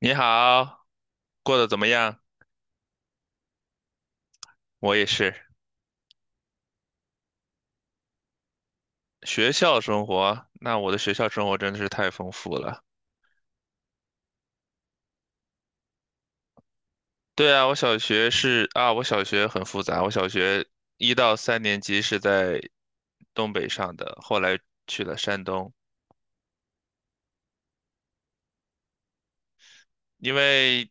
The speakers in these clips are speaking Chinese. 你好，过得怎么样？我也是。学校生活，那我的学校生活真的是太丰富了。对啊，我小学是啊，我小学很复杂。我小学一到三年级是在东北上的，后来去了山东，因为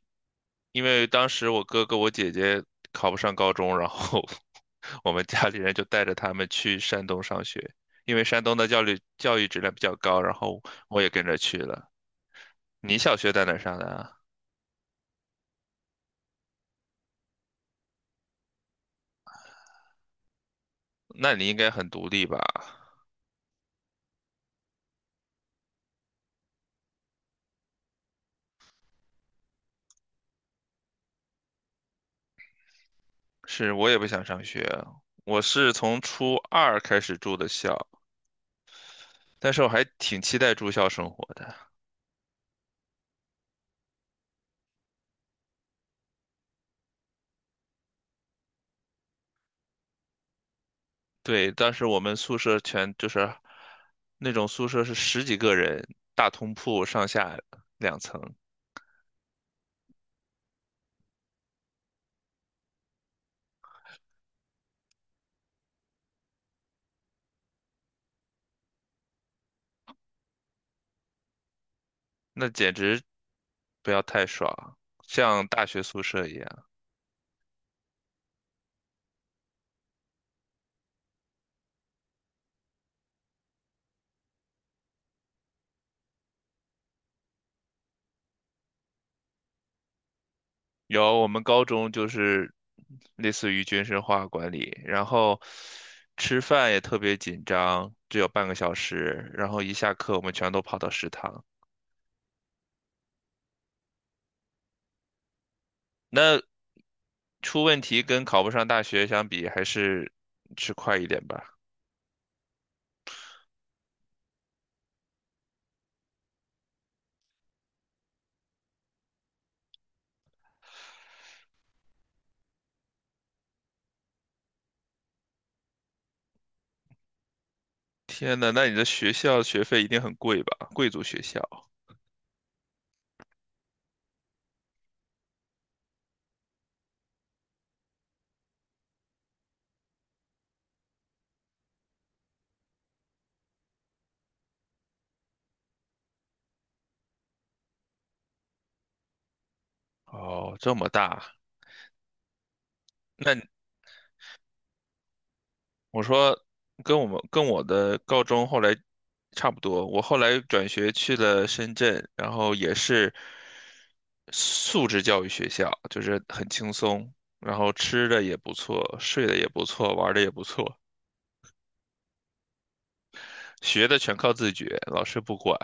因为当时我哥哥我姐姐考不上高中，然后 我们家里人就带着他们去山东上学，因为山东的教育质量比较高，然后我也跟着去了。你小学在哪儿上的啊？那你应该很独立吧？是我也不想上学，我是从初二开始住的校，但是我还挺期待住校生活的。对，当时我们宿舍全就是那种宿舍是十几个人，大通铺上下两层，那简直不要太爽，像大学宿舍一样。有，我们高中就是类似于军事化管理，然后吃饭也特别紧张，只有半个小时，然后一下课我们全都跑到食堂。那出问题跟考不上大学相比，还是吃快一点吧。天呐，那你的学校学费一定很贵吧？贵族学校哦，这么大，那我说跟我的高中后来差不多，我后来转学去了深圳，然后也是素质教育学校，就是很轻松，然后吃的也不错，睡的也不错，玩的也不错，学的全靠自觉，老师不管。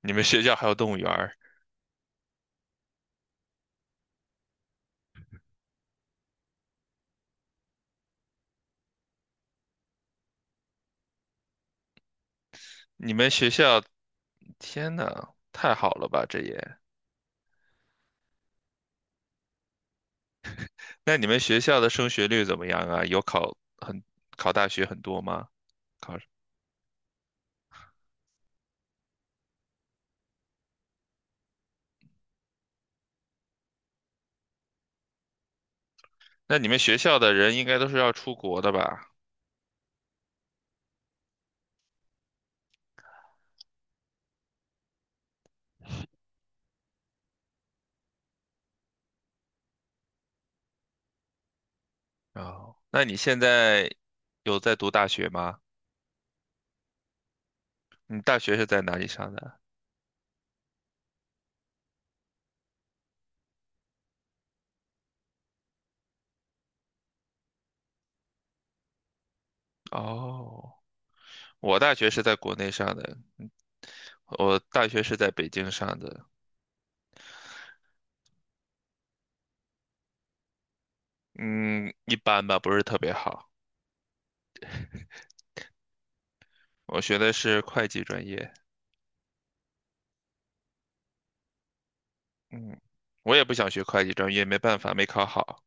你们学校还有动物园儿，你们学校，天呐，太好了吧，这也。那你们学校的升学率怎么样啊？有，考大学很多吗？考？那你们学校的人应该都是要出国的吧？哦，那你现在有在读大学吗？你大学是在哪里上的？哦，我大学是在国内上的，我大学是在北京上的，嗯，一般吧，不是特别好。我学的是会计专业，嗯，我也不想学会计专业，没办法，没考好。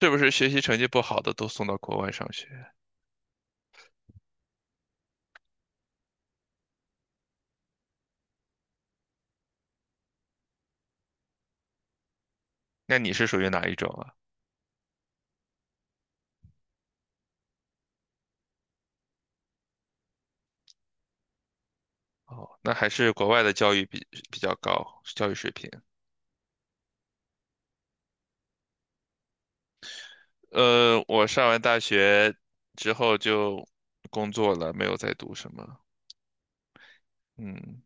是不是学习成绩不好的都送到国外上学？那你是属于哪一种啊？哦，那还是国外的教育比较高，教育水平。呃，我上完大学之后就工作了，没有再读什么。嗯，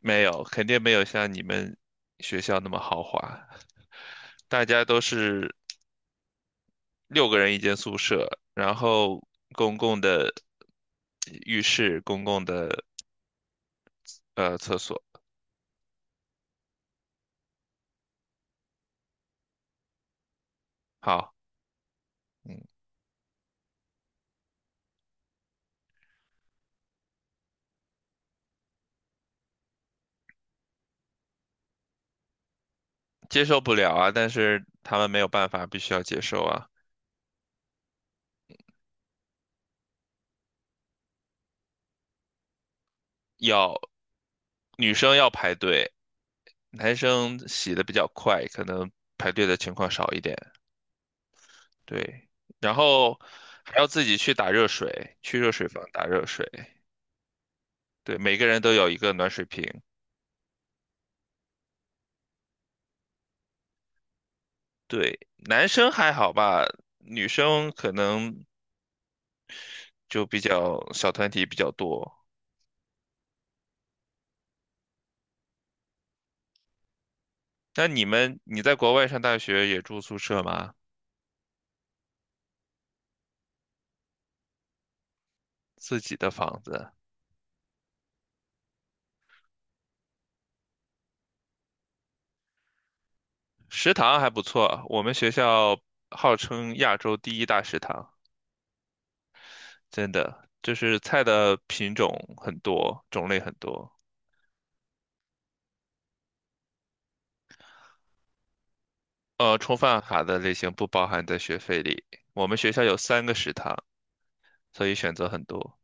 没有，肯定没有像你们学校那么豪华。大家都是六个人一间宿舍，然后公共的浴室、公共的厕所。好，嗯，接受不了啊，但是他们没有办法，必须要接受啊。要女生要排队，男生洗的比较快，可能排队的情况少一点。对，然后还要自己去打热水，去热水房打热水。对，每个人都有一个暖水瓶。对，男生还好吧，女生可能就比较小团体比较多。那你们，你在国外上大学也住宿舍吗？自己的房子，食堂还不错。我们学校号称亚洲第一大食堂，真的，就是菜的品种很多，种类很多。呃，充饭卡的类型不包含在学费里。我们学校有三个食堂，所以选择很多。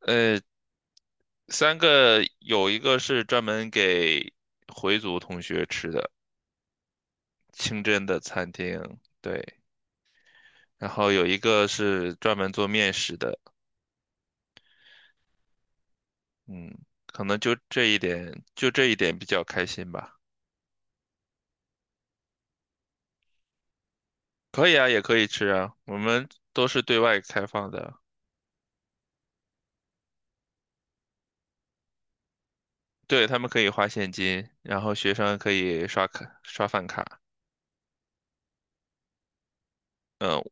呃，三个有一个是专门给回族同学吃的清真的餐厅，对，然后有一个是专门做面食的，嗯，可能就这一点，就这一点比较开心吧。可以啊，也可以吃啊，我们都是对外开放的，对，他们可以花现金，然后学生可以刷卡刷饭卡。嗯。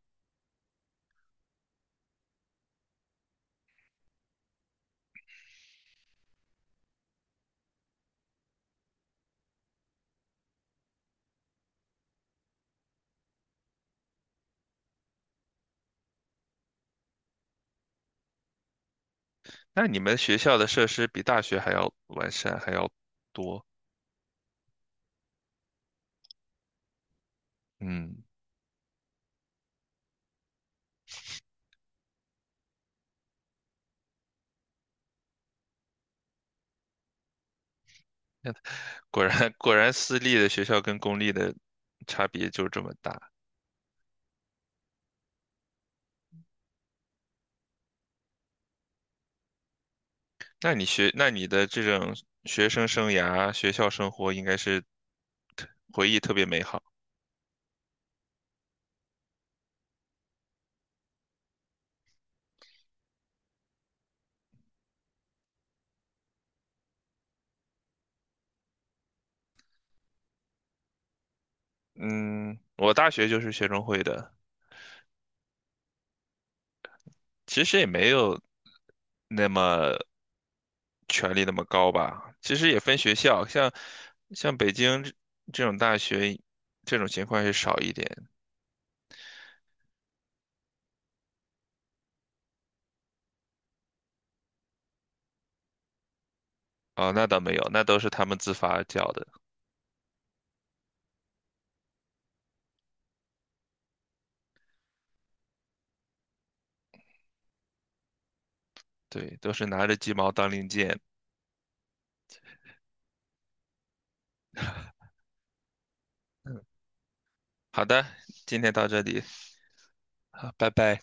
那你们学校的设施比大学还要完善，还要多。嗯，那 果然私立的学校跟公立的差别就这么大。那你学，那你的这种学生生涯、学校生活应该是特回忆特别美好。嗯，我大学就是学生会的，其实也没有那么权力那么高吧。其实也分学校，像北京这种大学，这种情况是少一点。哦，那倒没有，那都是他们自发叫的，对，都是拿着鸡毛当令箭。好的，今天到这里，好，拜拜。